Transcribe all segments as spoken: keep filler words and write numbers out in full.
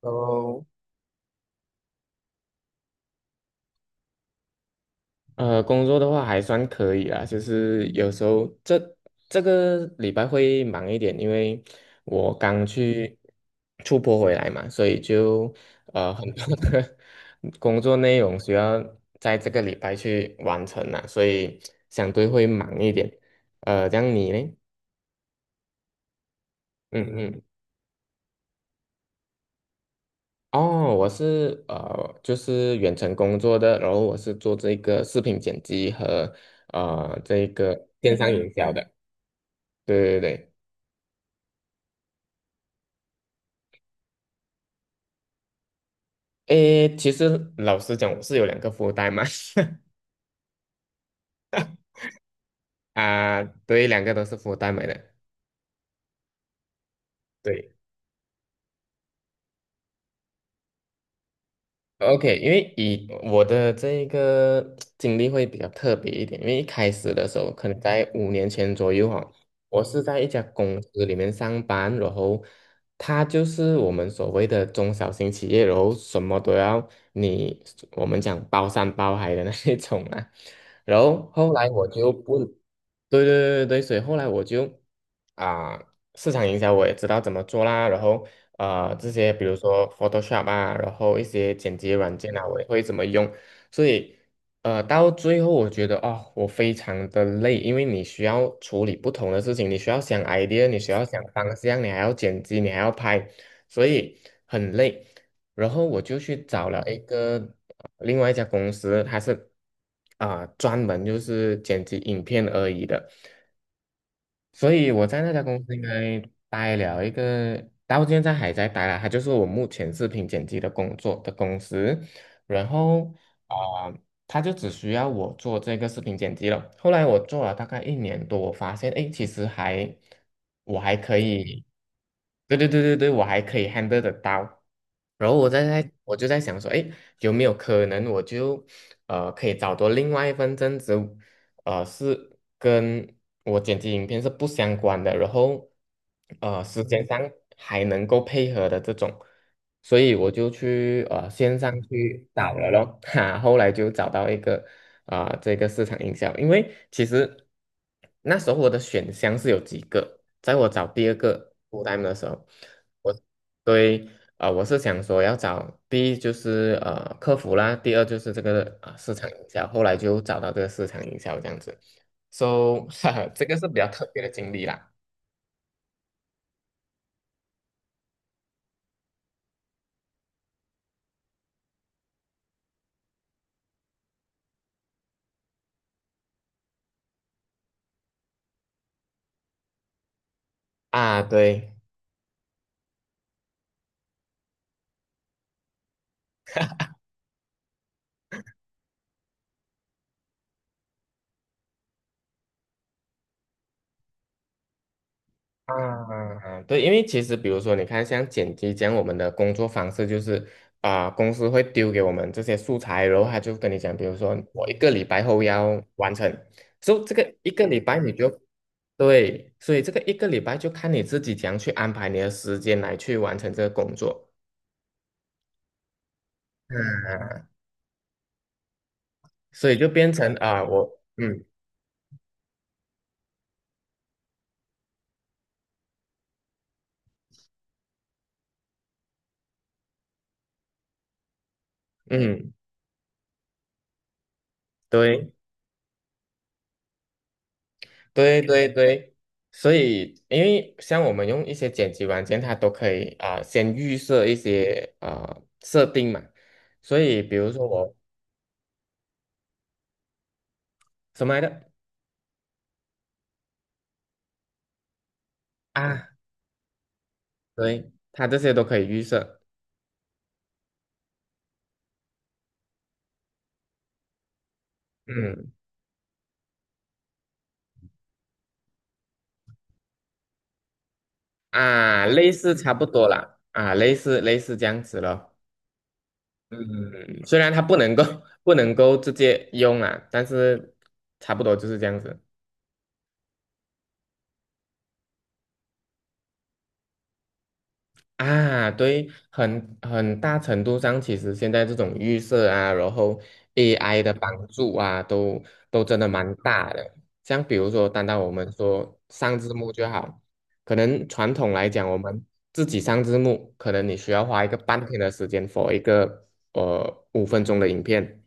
哦，呃，工作的话还算可以啦，就是有时候这这个礼拜会忙一点，因为我刚去出国回来嘛，所以就呃很多的 工作内容需要在这个礼拜去完成啦，所以相对会忙一点。呃，这样你呢？嗯嗯，哦，我是呃就是远程工作的，然后我是做这个视频剪辑和呃这个电商营销的。对对对，诶，其实老实讲，我是有两个福袋嘛，啊，对，两个都是福袋买的，对，OK，因为以我的这一个经历会比较特别一点，因为一开始的时候，可能在五年前左右哈，我是在一家公司里面上班，然后它就是我们所谓的中小型企业，然后什么都要你，我们讲包山包海的那一种啊。然后后来我就不，对对对对，所以后来我就啊、市场营销我也知道怎么做啦，然后呃这些，比如说 Photoshop 啊，然后一些剪辑软件啊，我也会怎么用。所以，呃，到最后我觉得啊、我非常的累，因为你需要处理不同的事情，你需要想 idea，你需要想方向，你还要剪辑，你还要拍，所以很累。然后我就去找了一个呃另外一家公司，它是啊、专门就是剪辑影片而已的。所以我在那家公司应该待了一个，到现在还在待啦。它就是我目前视频剪辑的工作的公司，然后啊、呃，他就只需要我做这个视频剪辑了。后来我做了大概一年多，我发现哎，其实还我还可以，对对对对对，我还可以 handle 得到。然后我在在我就在想说，哎，有没有可能我就呃可以找到另外一份正职，呃是跟我剪辑影片是不相关的，然后呃时间嗯上还能够配合的这种，所以我就去呃线上嗯去找了咯，哈，后来就找到一个啊、这个市场营销，因为其实那时候我的选项是有几个，在我找第二个 f u l 的时候。我。对，啊、我是想说要找，第一就是呃客服啦，第二就是这个啊、市场营销，后来就找到这个市场营销这样子，so 哈哈，这个是比较特别的经历啦。啊，对，啊，对，因为其实比如说，你看像剪辑这样，我们的工作方式就是啊、公司会丢给我们这些素材，然后他就跟你讲，比如说我一个礼拜后要完成，所以这个一个礼拜你就对，所以这个一个礼拜就看你自己怎样去安排你的时间来去完成这个工作，所以就变成啊、我嗯嗯对。对对对，所以因为像我们用一些剪辑软件，它都可以啊、呃先预设一些啊设定嘛，所以比如说我什么来着啊，对，它这些都可以预设，嗯啊，类似差不多啦，啊，类似类似这样子咯，嗯，虽然它不能够 不能够直接用啊，但是差不多就是这样子。啊，对，很很大程度上，其实现在这种预设啊，然后 A I 的帮助啊，都都真的蛮大的。像比如说，单单我们说上字幕就好，可能传统来讲，我们自己上字幕，可能你需要花一个半天的时间 for 一个呃五分钟的影片。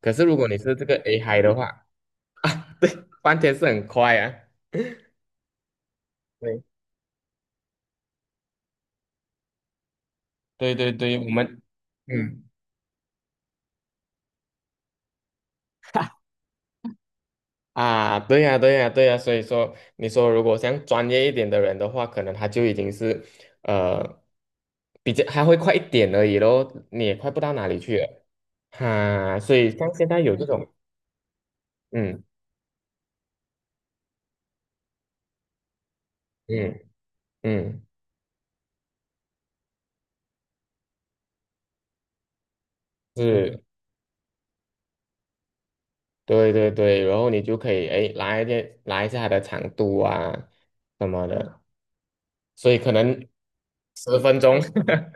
可是如果你是这个 A I 的话，啊，对，半天是很快啊。对对对对，我们嗯。啊，对呀，对呀，对呀，所以说，你说如果像专业一点的人的话，可能他就已经是，呃，比较还会快一点而已咯，你也快不到哪里去了，哈、所以像现在有这种，嗯嗯嗯，是，对对对，然后你就可以哎拉一点拉一下它的长度啊什么的，所以可能十分钟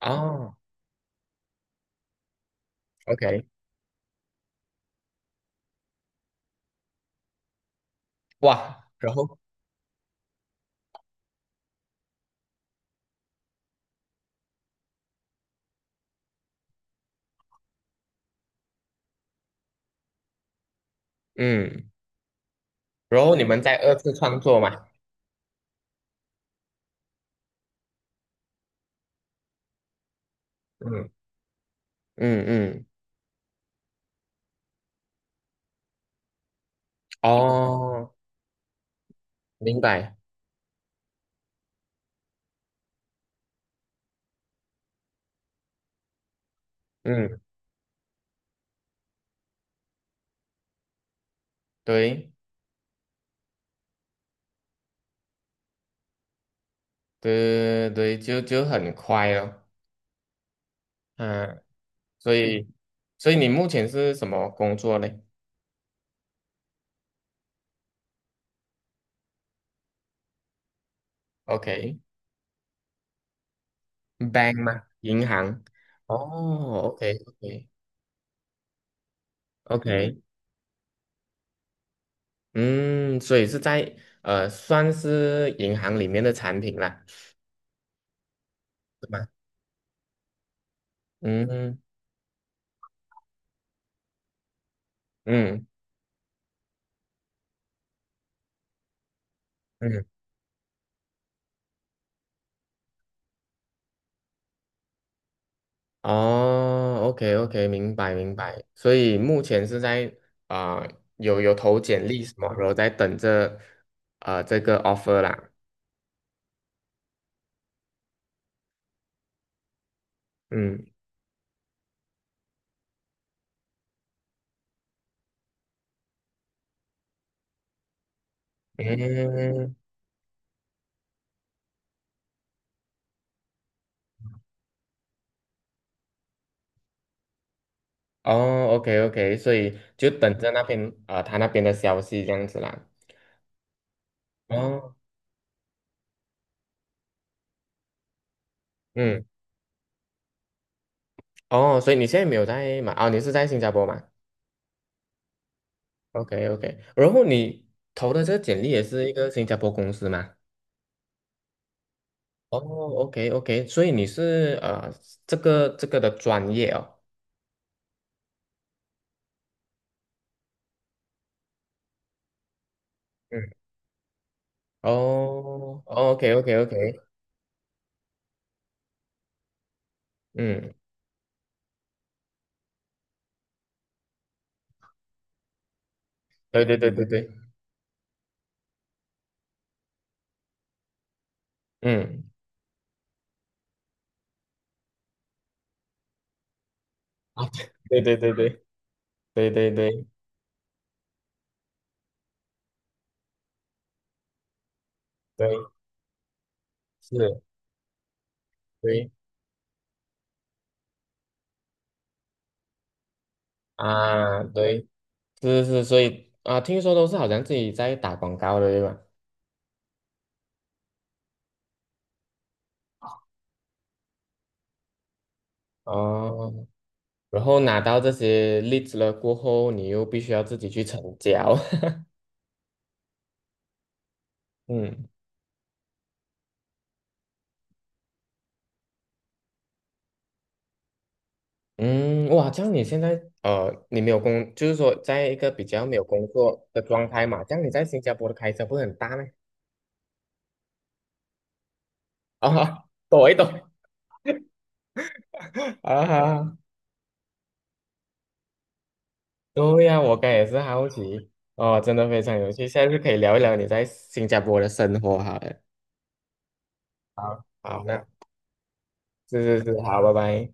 啊，OK，哇，然后嗯，然后你们再二次创作嘛。嗯。嗯嗯，哦，明白，嗯，对对对，就就很快了，嗯，所以所以你目前是什么工作呢 o k b a n k 吗？银行？哦，OK OK OK，嗯，所以是在呃，算是银行里面的产品啦，是吗？嗯嗯嗯哦，OK OK，明白明白。所以目前是在啊、有有投简历什么，然后在等着呃这个 offer 啦。嗯嗯，哦，OK OK，所以就等着那边啊、呃他那边的消息这样子啦。哦，嗯，哦，所以你现在没有在嘛？啊、你是在新加坡嘛？OK OK，然后你投的这个简历也是一个新加坡公司吗？哦，OK OK，所以你是呃这个这个的专业哦。嗯。哦哦，OK，OK，OK，嗯，对对对对对，嗯，啊，对对对对对对对对，对，是，对啊，对，是是，所以啊，听说都是好像自己在打广告的，对吧？哦，然后拿到这些例子了过后，你又必须要自己去成交，嗯嗯，哇，这样你现在呃，你没有工，就是说在一个比较没有工作的状态嘛，这样你在新加坡的开销不是很大吗？啊，躲一躲 啊哈对呀，我刚也是好奇哦，真的非常有趣。下次可以聊一聊你在新加坡的生活，好了。好，好，那是是是，好，拜拜。